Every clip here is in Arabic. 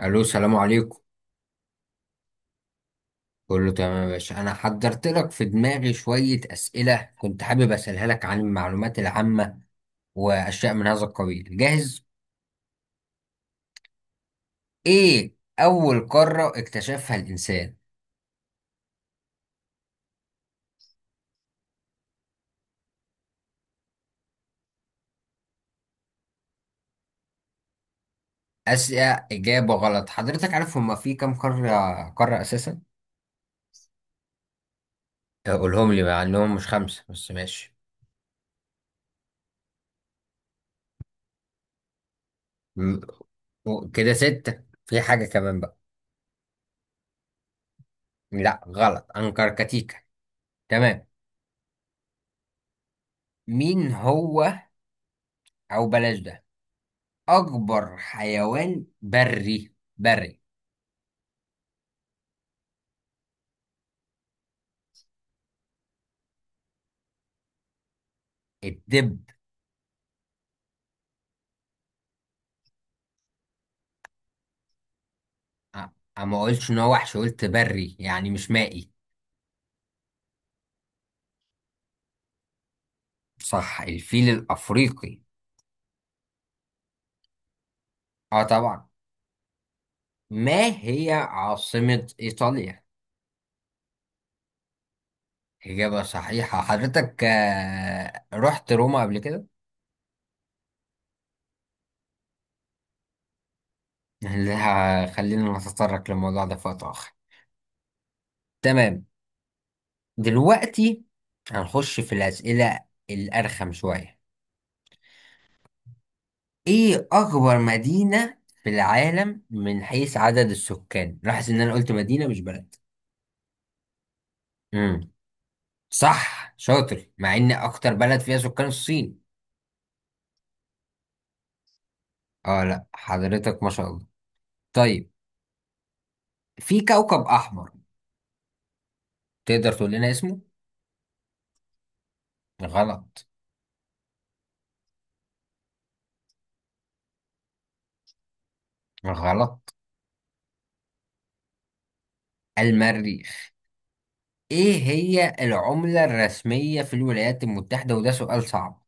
الو السلام عليكم. كله تمام يا باشا، انا حضرت لك في دماغي شوية اسئلة كنت حابب اسألها لك عن المعلومات العامة واشياء من هذا القبيل. جاهز؟ ايه اول قارة اكتشفها الانسان؟ اسئلة اجابة غلط. حضرتك عارف هما في كام قارة قارة اساسا؟ قولهم لي، مع انهم مش خمسة بس ماشي. م- كده ستة، في حاجة كمان بقى؟ لا غلط، انكركتيكا. تمام. مين هو، او بلاش ده، اكبر حيوان بري؟ الدب؟ أ- اما قلتش ان هو وحش، قلت بري يعني مش مائي. صح، الفيل الافريقي. اه طبعا. ما هي عاصمة ايطاليا؟ اجابة صحيحة. حضرتك رحت روما قبل كده؟ لا، خلينا نتطرق للموضوع ده في وقت اخر. تمام. دلوقتي هنخش في الاسئلة الارخم شوية. ايه اكبر مدينة في العالم من حيث عدد السكان؟ لاحظ ان انا قلت مدينة مش بلد. امم صح، شاطر، مع ان اكتر بلد فيها سكان الصين. اه لا حضرتك ما شاء الله. طيب، في كوكب احمر، تقدر تقول لنا اسمه؟ غلط. غلط. المريخ. ايه هي العملة الرسمية في الولايات المتحدة؟ وده سؤال صعب.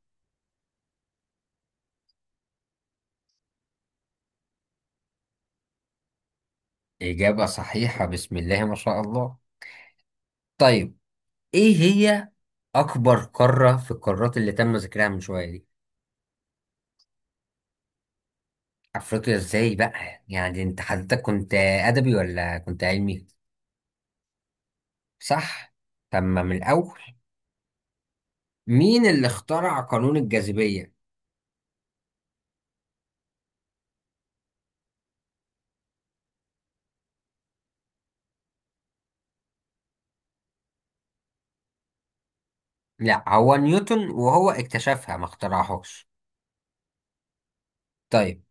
اجابة صحيحة، بسم الله ما شاء الله. طيب، ايه هي اكبر قاره في القارات اللي تم ذكرها من شويه دي؟ افريقيا؟ ازاي بقى؟ يعني انت حضرتك كنت ادبي ولا كنت علمي؟ صح. طب ما من الاول. مين اللي اخترع قانون الجاذبيه؟ لا، هو نيوتن، وهو اكتشفها ما اخترعهاش. طيب،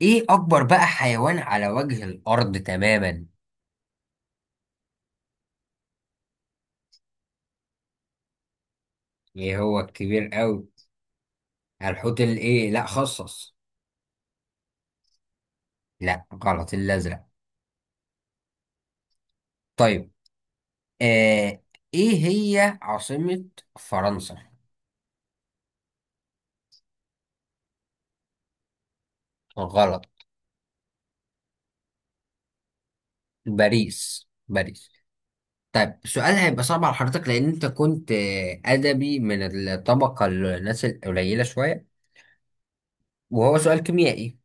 ايه اكبر بقى حيوان على وجه الارض تماما؟ ايه هو الكبير قوي؟ الحوت الايه؟ لا، خصص. لا غلط، الازرق. طيب، آه ايه هي عاصمه فرنسا؟ غلط. باريس. طيب، السؤال هيبقى صعب على حضرتك لأن أنت كنت أدبي من الطبقة الناس القليلة شوية. وهو سؤال كيميائي.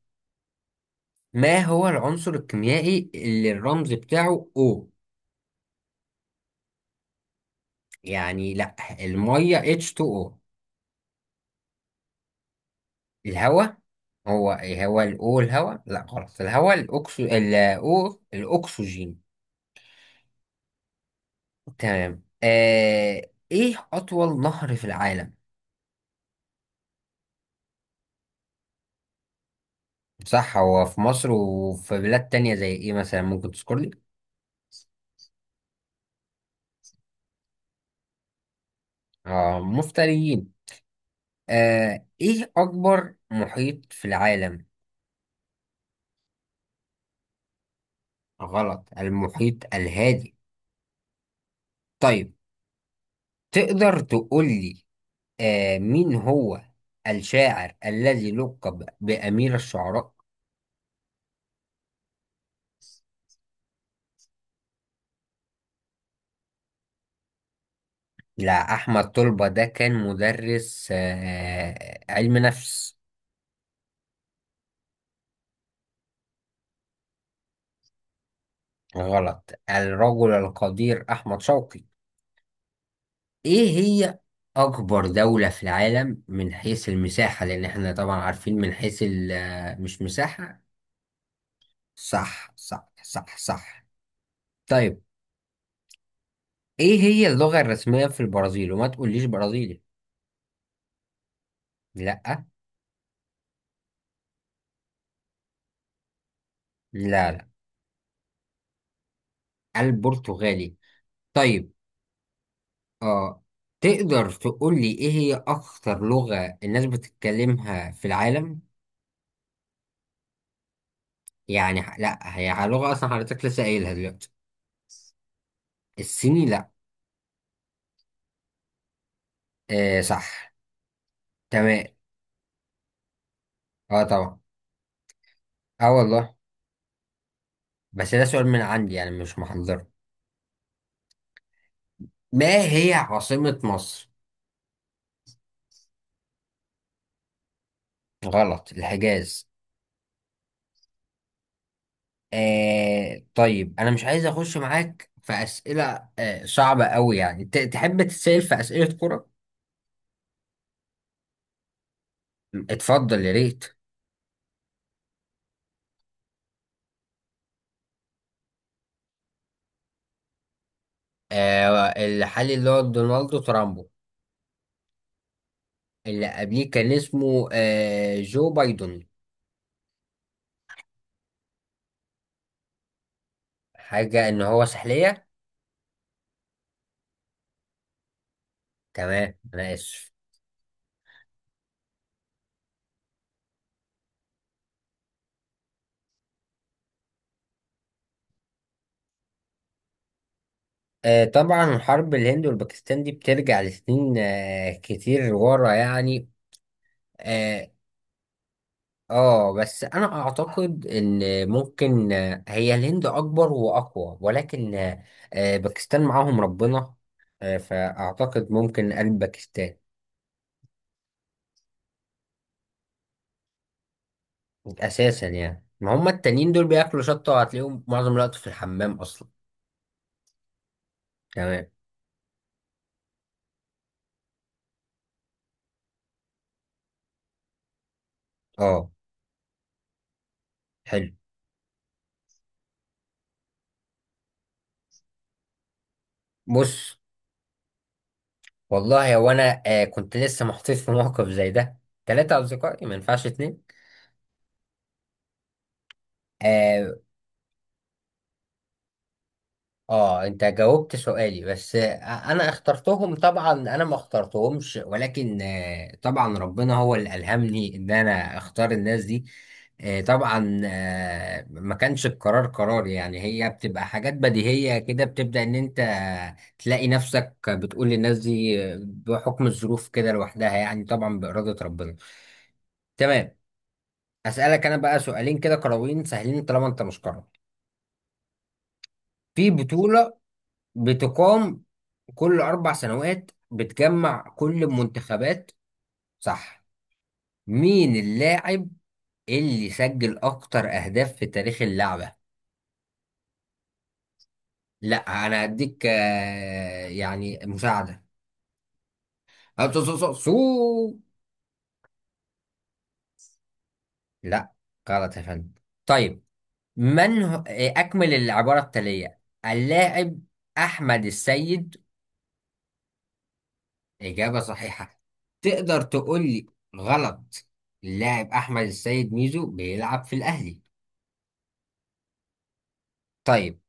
ما هو العنصر الكيميائي اللي الرمز بتاعه O؟ يعني لأ. المية H2O. الهواء؟ هو هو ال O الهواء؟ لأ غلط، الهواء الأكسو، ال O الأكسجين. تمام. آه إيه أطول نهر في العالم؟ صح، هو في مصر وفي بلاد تانية زي إيه مثلا، ممكن تذكر لي؟ اه مفتريين. ايه اكبر محيط في العالم؟ غلط، المحيط الهادي. طيب، تقدر تقول لي، مين هو الشاعر الذي لقب بأمير الشعراء؟ لا، احمد طلبة ده كان مدرس علم نفس. غلط، الرجل القدير احمد شوقي. ايه هي اكبر دولة في العالم من حيث المساحة؟ لان احنا طبعا عارفين من حيث مش مساحة. صح صح صح صح. طيب، ايه هي اللغة الرسمية في البرازيل؟ وما تقوليش برازيلي. لا. لا. لا. البرتغالي. طيب. اه تقدر تقولي ايه هي اكتر لغة الناس بتتكلمها في العالم؟ يعني لا هي لغة اصلا حضرتك لسه قايلها دلوقتي. الصيني لا. آه صح. تمام. اه طبعا. اه والله. بس ده سؤال من عندي يعني مش محضره. ما هي عاصمة مصر؟ غلط، الحجاز. آه طيب، انا مش عايز اخش معاك في اسئله صعبه قوي، يعني تحب تتسال في اسئله كره؟ اتفضل يا ريت. آه الحالي اللي هو دونالد ترامبو. اللي قبليه كان اسمه جو بايدن. حاجه ان هو سحليه؟ تمام انا اسف. آه طبعا، حرب الهند والباكستان دي بترجع لسنين كتير ورا يعني. آه، اه بس انا اعتقد ان ممكن، هي الهند اكبر واقوى، ولكن باكستان معاهم ربنا، فاعتقد ممكن قلب باكستان. اساسا يعني ما هم التانيين دول بياكلوا شطه وهتلاقيهم معظم الوقت في الحمام اصلا. تمام. اه حلو. بص، والله هو انا كنت لسه محطوط في موقف زي ده. ثلاثه اصدقائي ما ينفعش اتنين. آه، اه انت جاوبت سؤالي بس انا اخترتهم، طبعا انا ما اخترتهمش، ولكن طبعا ربنا هو اللي الهمني ان انا اختار الناس دي. طبعا ما كانش القرار قرار، يعني هي بتبقى حاجات بديهية كده، بتبدأ ان انت تلاقي نفسك بتقول للناس دي بحكم الظروف كده لوحدها، يعني طبعا بإرادة ربنا. تمام. اسألك انا بقى سؤالين كده كروين سهلين طالما انت مش قرر. في بطولة بتقام كل أربع سنوات بتجمع كل المنتخبات. صح. مين اللاعب اللي سجل أكتر أهداف في تاريخ اللعبة؟ لا أنا هديك يعني مساعدة. آه، سو سو سو سو. لا غلط يا فندم. طيب، من هو، أكمل العبارة التالية، اللاعب أحمد السيد. إجابة صحيحة. تقدر تقول لي. غلط. اللاعب أحمد السيد ميزو بيلعب في الأهلي. طيب،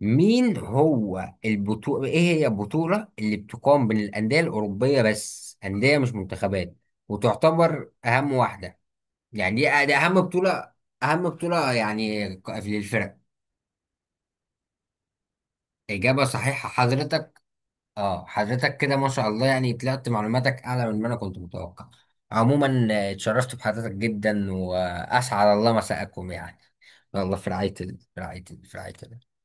مين هو البطولة، ايه هي البطولة اللي بتقام بين الأندية الأوروبية، بس أندية مش منتخبات، وتعتبر أهم واحدة؟ يعني دي أهم بطولة. أهم بطولة يعني للفرق. إجابة صحيحة حضرتك. اه حضرتك كده ما شاء الله، يعني طلعت معلوماتك أعلى من ما أنا كنت متوقع. عموما اتشرفت بحضرتك جدا، وأسعد الله مساءكم يعني. الله في رعاية